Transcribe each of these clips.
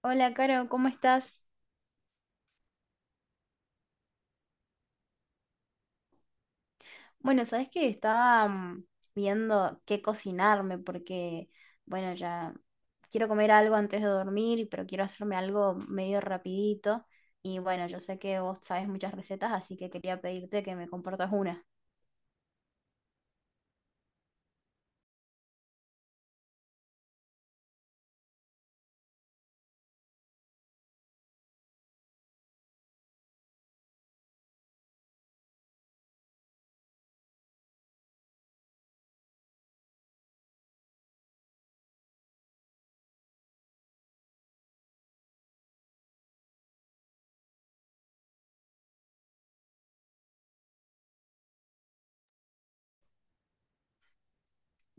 Hola, Caro, ¿cómo estás? Bueno, sabes que estaba viendo qué cocinarme porque, bueno, ya quiero comer algo antes de dormir, pero quiero hacerme algo medio rapidito. Y bueno, yo sé que vos sabes muchas recetas, así que quería pedirte que me compartas una.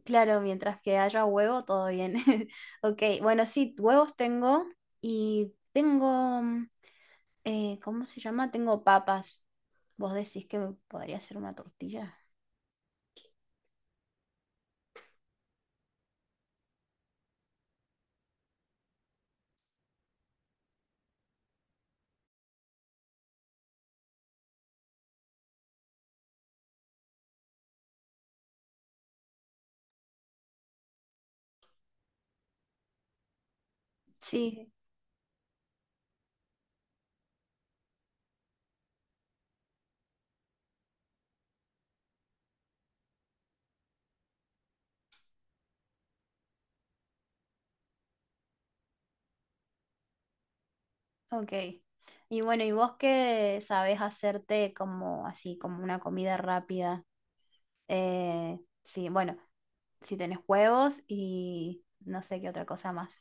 Claro, mientras que haya huevo, todo bien. Ok, bueno, sí, huevos tengo y tengo, ¿cómo se llama? Tengo papas. ¿Vos decís que me podría hacer una tortilla? Sí. Ok. Y bueno, ¿y vos qué sabés hacerte como así, como una comida rápida? Eh, sí, bueno, si tenés huevos y no sé qué otra cosa más.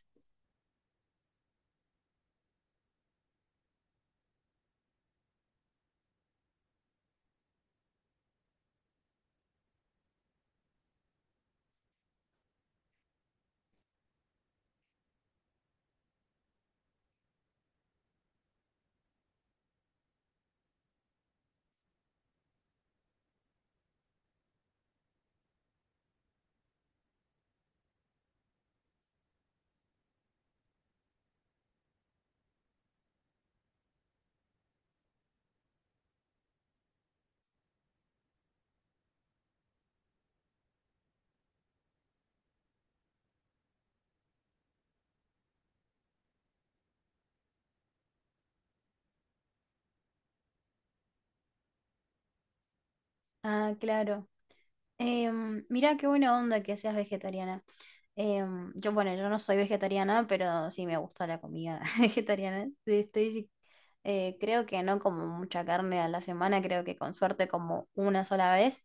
Ah, claro. Em, mirá qué buena onda que seas vegetariana. Em, yo, bueno, yo no soy vegetariana, pero sí me gusta la comida vegetariana. Estoy creo que no como mucha carne a la semana, creo que con suerte como una sola vez,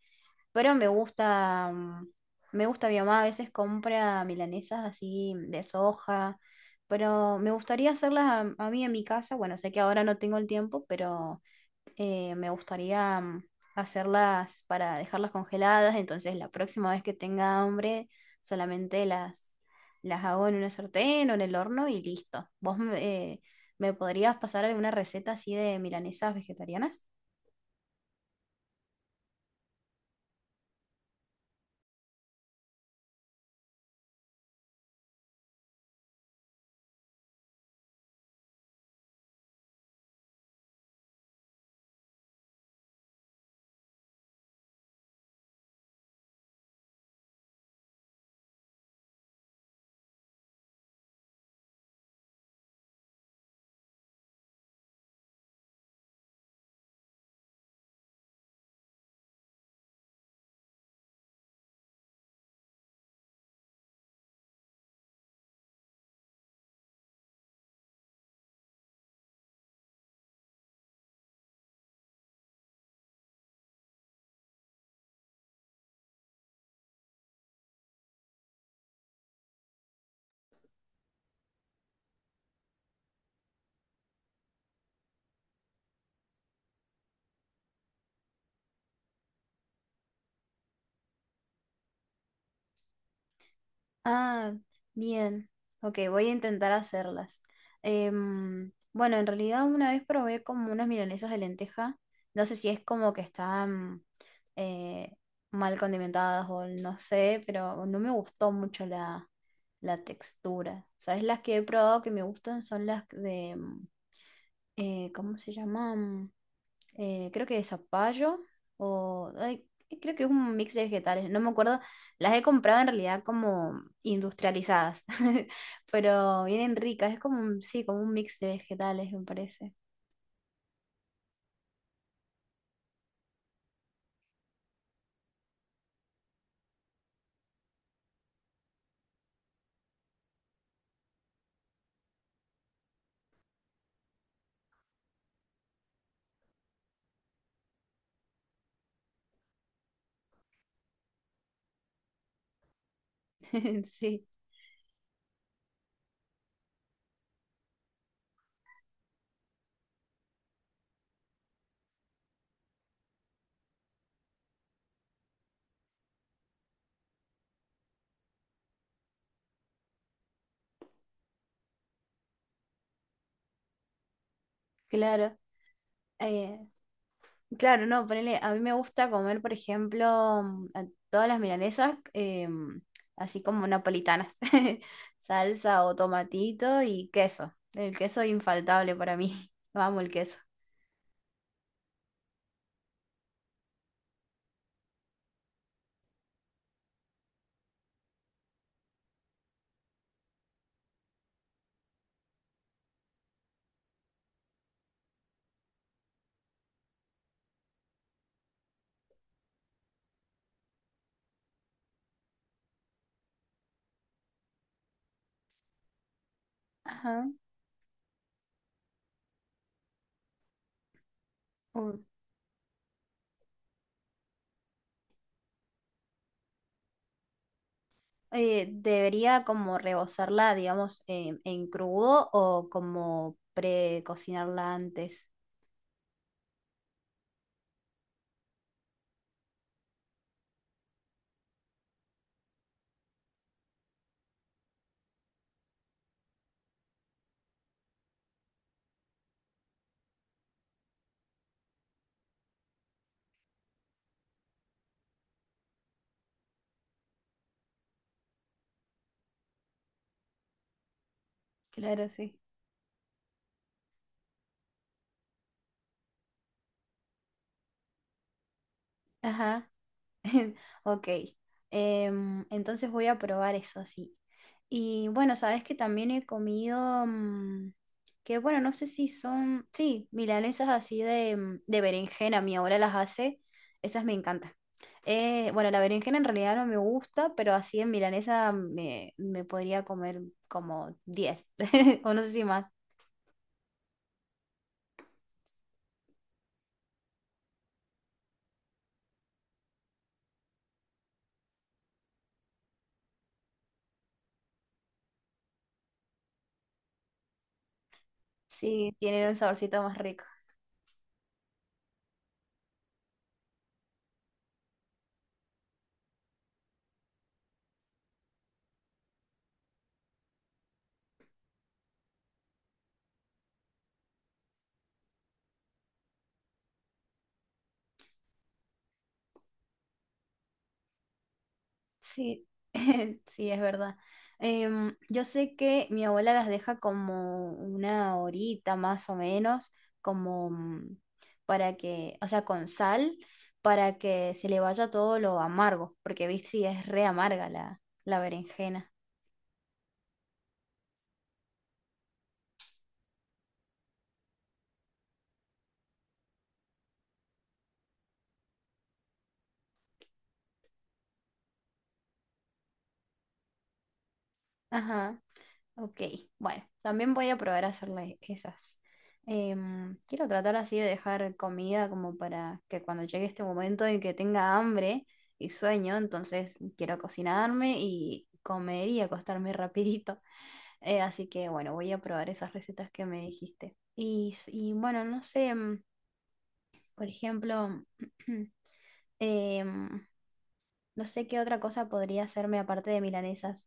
pero me gusta, me gusta, mi mamá a veces compra milanesas así de soja, pero me gustaría hacerlas a mí en mi casa, bueno, sé que ahora no tengo el tiempo, pero me gustaría hacerlas para dejarlas congeladas, entonces la próxima vez que tenga hambre solamente las hago en una sartén o en el horno y listo. ¿Vos eh, me podrías pasar alguna receta así de milanesas vegetarianas? Ah, bien. Ok, voy a intentar hacerlas. Em, bueno, en realidad una vez probé como unas milanesas de lenteja. No sé si es como que están eh, mal condimentadas o no sé, pero no me gustó mucho la textura. ¿Sabes? Las que he probado que me gustan son las de, ¿cómo se llama? Creo que de zapallo o ay, creo que es un mix de vegetales, no me acuerdo. Las he comprado en realidad como industrializadas, pero vienen ricas, es como un, sí, como un mix de vegetales, me parece. Sí, claro. Eh, claro, no, ponele, a mí me gusta comer, por ejemplo, a todas las milanesas, así como napolitanas, salsa o tomatito y queso. El queso infaltable para mí. Vamos, el queso. Ajá. Uh, debería como rebozarla, digamos, en crudo o como precocinarla antes. Claro, sí. Ajá. Ok, em, entonces voy a probar eso, sí. Y bueno, sabes que también he comido, que bueno, no sé si son, sí, milanesas así de, de berenjena, mi abuela las hace, esas me encantan. Bueno, la berenjena en realidad no me gusta, pero así en milanesa me podría comer como 10 o no sé si más. Sí, tienen un saborcito más. Sí, sí, es verdad. Em, yo sé que mi abuela las deja como una horita más o menos, como para que, o sea, con sal, para que se le vaya todo lo amargo, porque viste, sí, es re amarga la berenjena. Ajá. Ok, bueno, también voy a probar a hacerle esas. Em, quiero tratar así de dejar comida como para que cuando llegue este momento en que tenga hambre y sueño, entonces quiero cocinarme y comer y acostarme rapidito. Así que bueno, voy a probar esas recetas que me dijiste. Y bueno, no sé, em, por ejemplo, em, no sé qué otra cosa podría hacerme aparte de milanesas.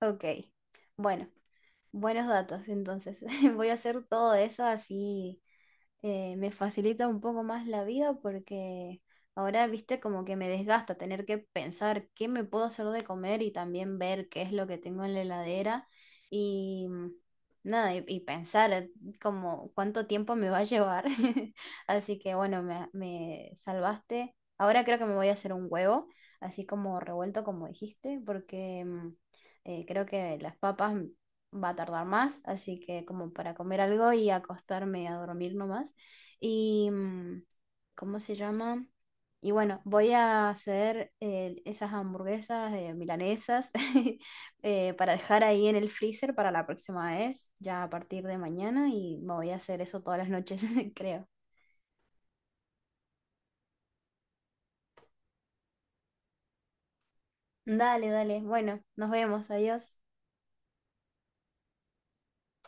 Ok, bueno. Buenos datos, entonces. Voy a hacer todo eso así me facilita un poco más la vida porque ahora, viste, como que me desgasta tener que pensar qué me puedo hacer de comer y también ver qué es lo que tengo en la heladera y nada, y pensar como cuánto tiempo me va a llevar. Así que bueno, me salvaste. Ahora creo que me voy a hacer un huevo, así como revuelto como dijiste, porque... creo que las papas va a tardar más, así que como para comer algo y acostarme a dormir nomás. Y, ¿cómo se llama? Y bueno, voy a hacer esas hamburguesas milanesas para dejar ahí en el freezer para la próxima vez, ya a partir de mañana, y me voy a hacer eso todas las noches, creo. Dale, dale. Bueno, nos vemos. Adiós.